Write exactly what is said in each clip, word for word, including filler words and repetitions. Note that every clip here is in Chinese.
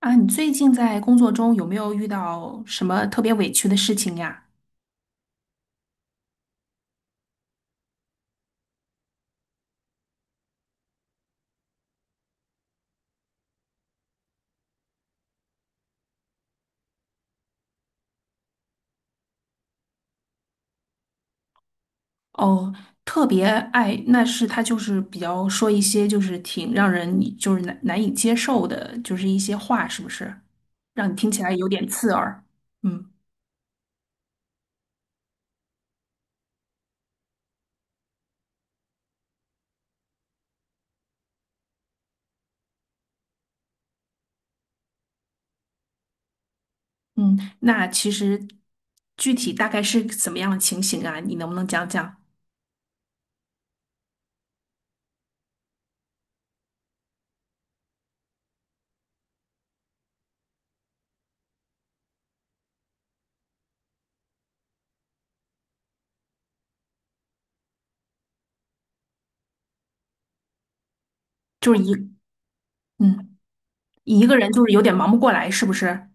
啊，你最近在工作中有没有遇到什么特别委屈的事情呀？哦，特别爱，那是他就是比较说一些就是挺让人你就是难难以接受的，就是一些话，是不是？让你听起来有点刺耳。嗯嗯，那其实具体大概是怎么样的情形啊？你能不能讲讲？就是一嗯，一个人就是有点忙不过来，是不是？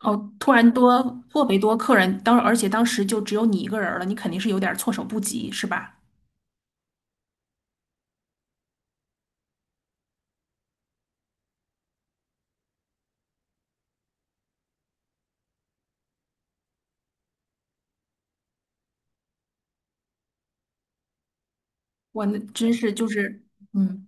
哦，突然多特别多客人，当而且当时就只有你一个人儿了，你肯定是有点儿措手不及，是吧？哇，那真是就是，嗯，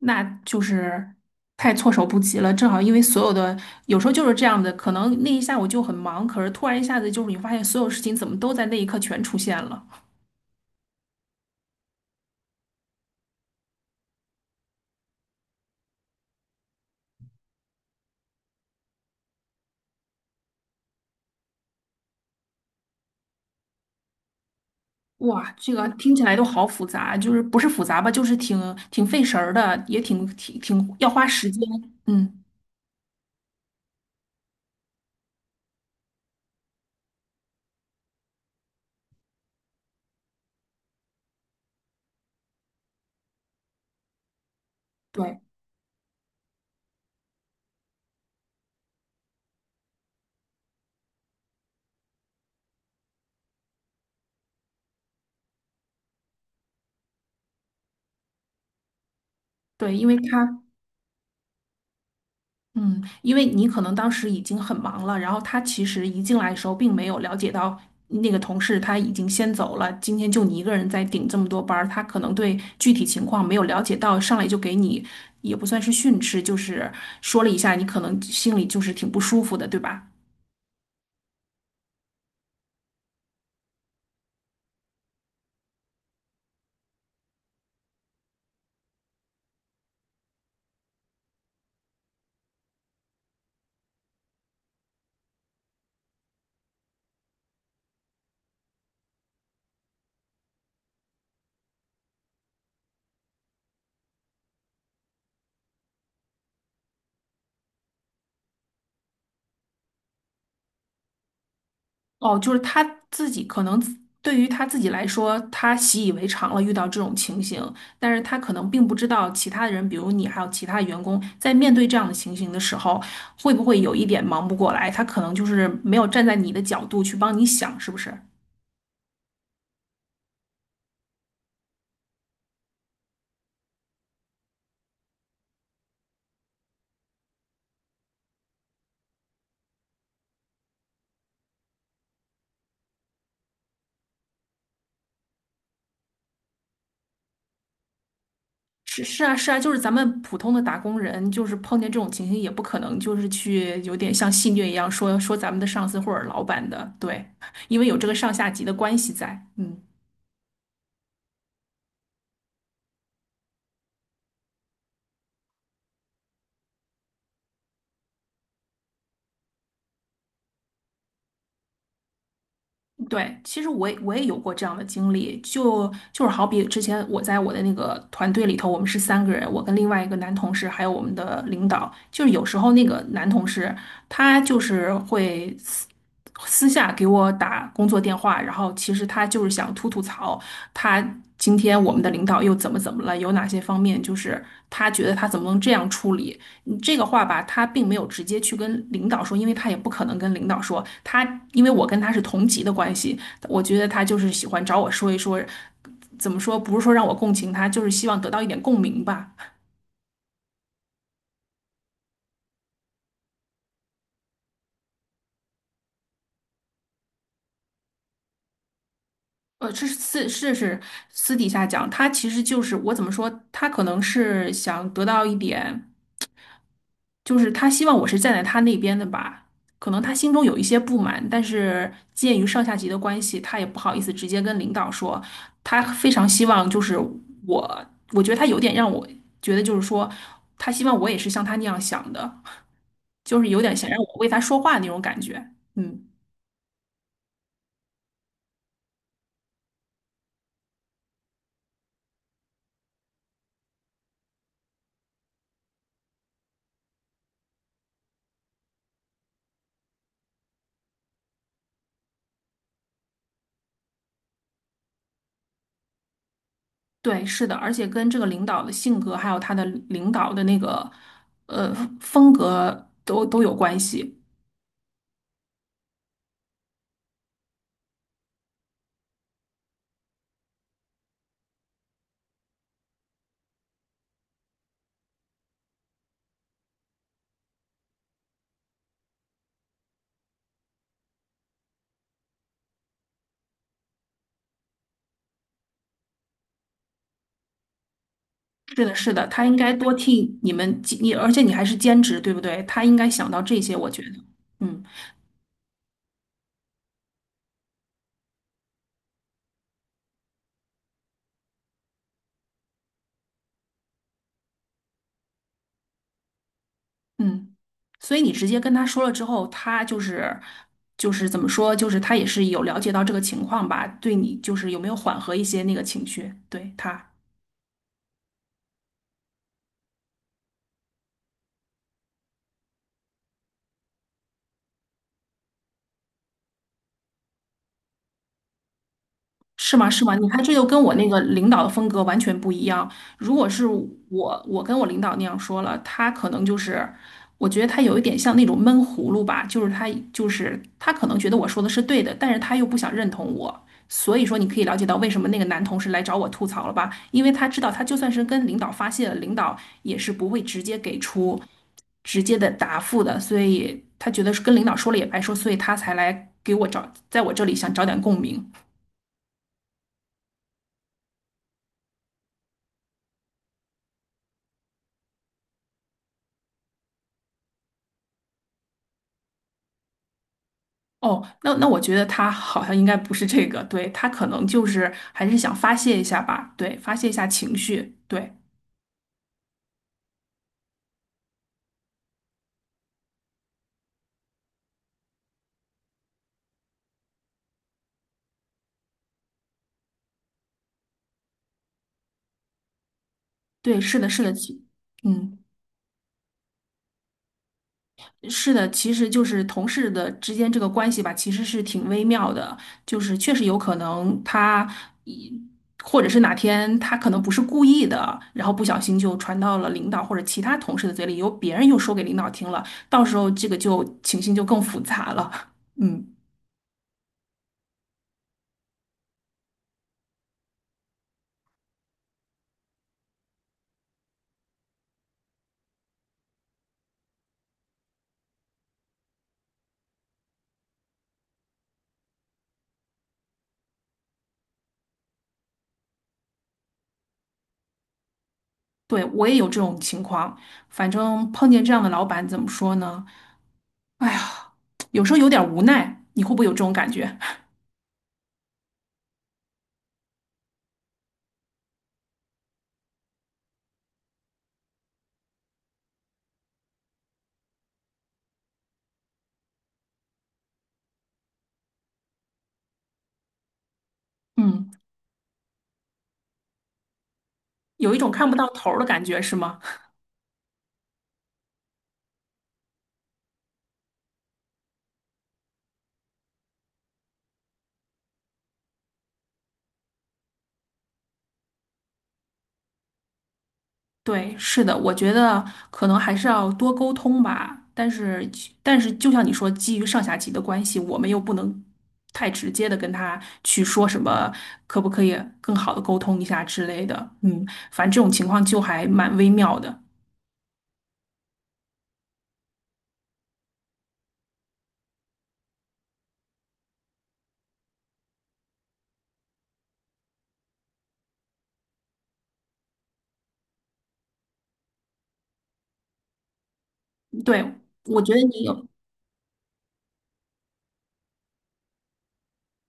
那就是太措手不及了。正好因为所有的有时候就是这样的，可能那一下午就很忙，可是突然一下子就是你发现所有事情怎么都在那一刻全出现了。哇，这个听起来都好复杂，就是不是复杂吧，就是挺挺费神儿的，也挺挺挺要花时间。嗯，对对，因为他。嗯，因为你可能当时已经很忙了，然后他其实一进来的时候并没有了解到那个同事他已经先走了，今天就你一个人在顶这么多班儿，他可能对具体情况没有了解到，上来就给你也不算是训斥，就是说了一下，你可能心里就是挺不舒服的，对吧？哦，就是他自己可能自对于他自己来说，他习以为常了遇到这种情形，但是他可能并不知道其他的人，比如你还有其他员工，在面对这样的情形的时候，会不会有一点忙不过来？他可能就是没有站在你的角度去帮你想，是不是？是是啊是啊，就是咱们普通的打工人，就是碰见这种情形，也不可能就是去有点像戏谑一样说说咱们的上司或者老板的，对，因为有这个上下级的关系在，嗯。对，其实我也我也有过这样的经历，就就是好比之前我在我的那个团队里头，我们是三个人，我跟另外一个男同事，还有我们的领导，就是有时候那个男同事他就是会私下给我打工作电话，然后其实他就是想吐吐槽，他今天我们的领导又怎么怎么了，有哪些方面就是他觉得他怎么能这样处理？你这个话吧，他并没有直接去跟领导说，因为他也不可能跟领导说，他因为我跟他是同级的关系，我觉得他就是喜欢找我说一说，怎么说，不是说让我共情他，就是希望得到一点共鸣吧。呃，这是私是是私底下讲，他其实就是我怎么说，他可能是想得到一点。就是他希望我是站在他那边的吧，可能他心中有一些不满，但是鉴于上下级的关系，他也不好意思直接跟领导说，他非常希望就是我，我觉得他有点让我觉得就是说，他希望我也是像他那样想的，就是有点想让我为他说话那种感觉。嗯，对，是的，而且跟这个领导的性格，还有他的领导的那个呃风格都都有关系。是的，是的，他应该多替你们你而且你还是兼职，对不对？他应该想到这些，我觉得，嗯嗯，所以你直接跟他说了之后，他就是就是怎么说，就是他也是有了解到这个情况吧，对你就是有没有缓和一些那个情绪，对他。是吗？是吗？你看，这就跟我那个领导的风格完全不一样。如果是我，我跟我领导那样说了，他可能就是，我觉得他有一点像那种闷葫芦吧，就是他就是他可能觉得我说的是对的，但是他又不想认同我。所以说，你可以了解到为什么那个男同事来找我吐槽了吧？因为他知道，他就算是跟领导发泄了，领导也是不会直接给出直接的答复的，所以他觉得是跟领导说了也白说，所以他才来给我找，在我这里想找点共鸣。哦，那那我觉得他好像应该不是这个，对，他可能就是还是想发泄一下吧，对，发泄一下情绪，对，对，是的，是的，其嗯，是的，其实就是同事的之间这个关系吧，其实是挺微妙的，就是确实有可能他一，或者是哪天他可能不是故意的，然后不小心就传到了领导或者其他同事的嘴里，由别人又说给领导听了，到时候这个就情形就更复杂了，嗯。对，我也有这种情况，反正碰见这样的老板，怎么说呢？哎呀，有时候有点无奈，你会不会有这种感觉？嗯，有一种看不到头儿的感觉，是吗？对，是的，我觉得可能还是要多沟通吧。但是，但是就像你说，基于上下级的关系，我们又不能太直接的跟他去说什么，可不可以更好的沟通一下之类的。嗯，反正这种情况就还蛮微妙的。对，我觉得你有。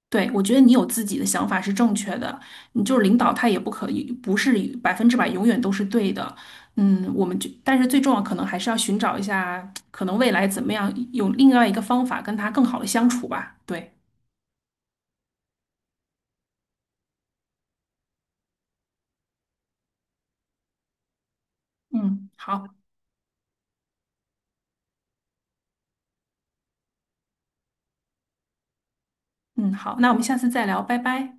对，我觉得你有自己的想法是正确的，你就是领导他也不可以不是百分之百永远都是对的，嗯，我们就但是最重要可能还是要寻找一下，可能未来怎么样有另外一个方法跟他更好的相处吧。对，嗯，好，嗯，好，那我们下次再聊，拜拜。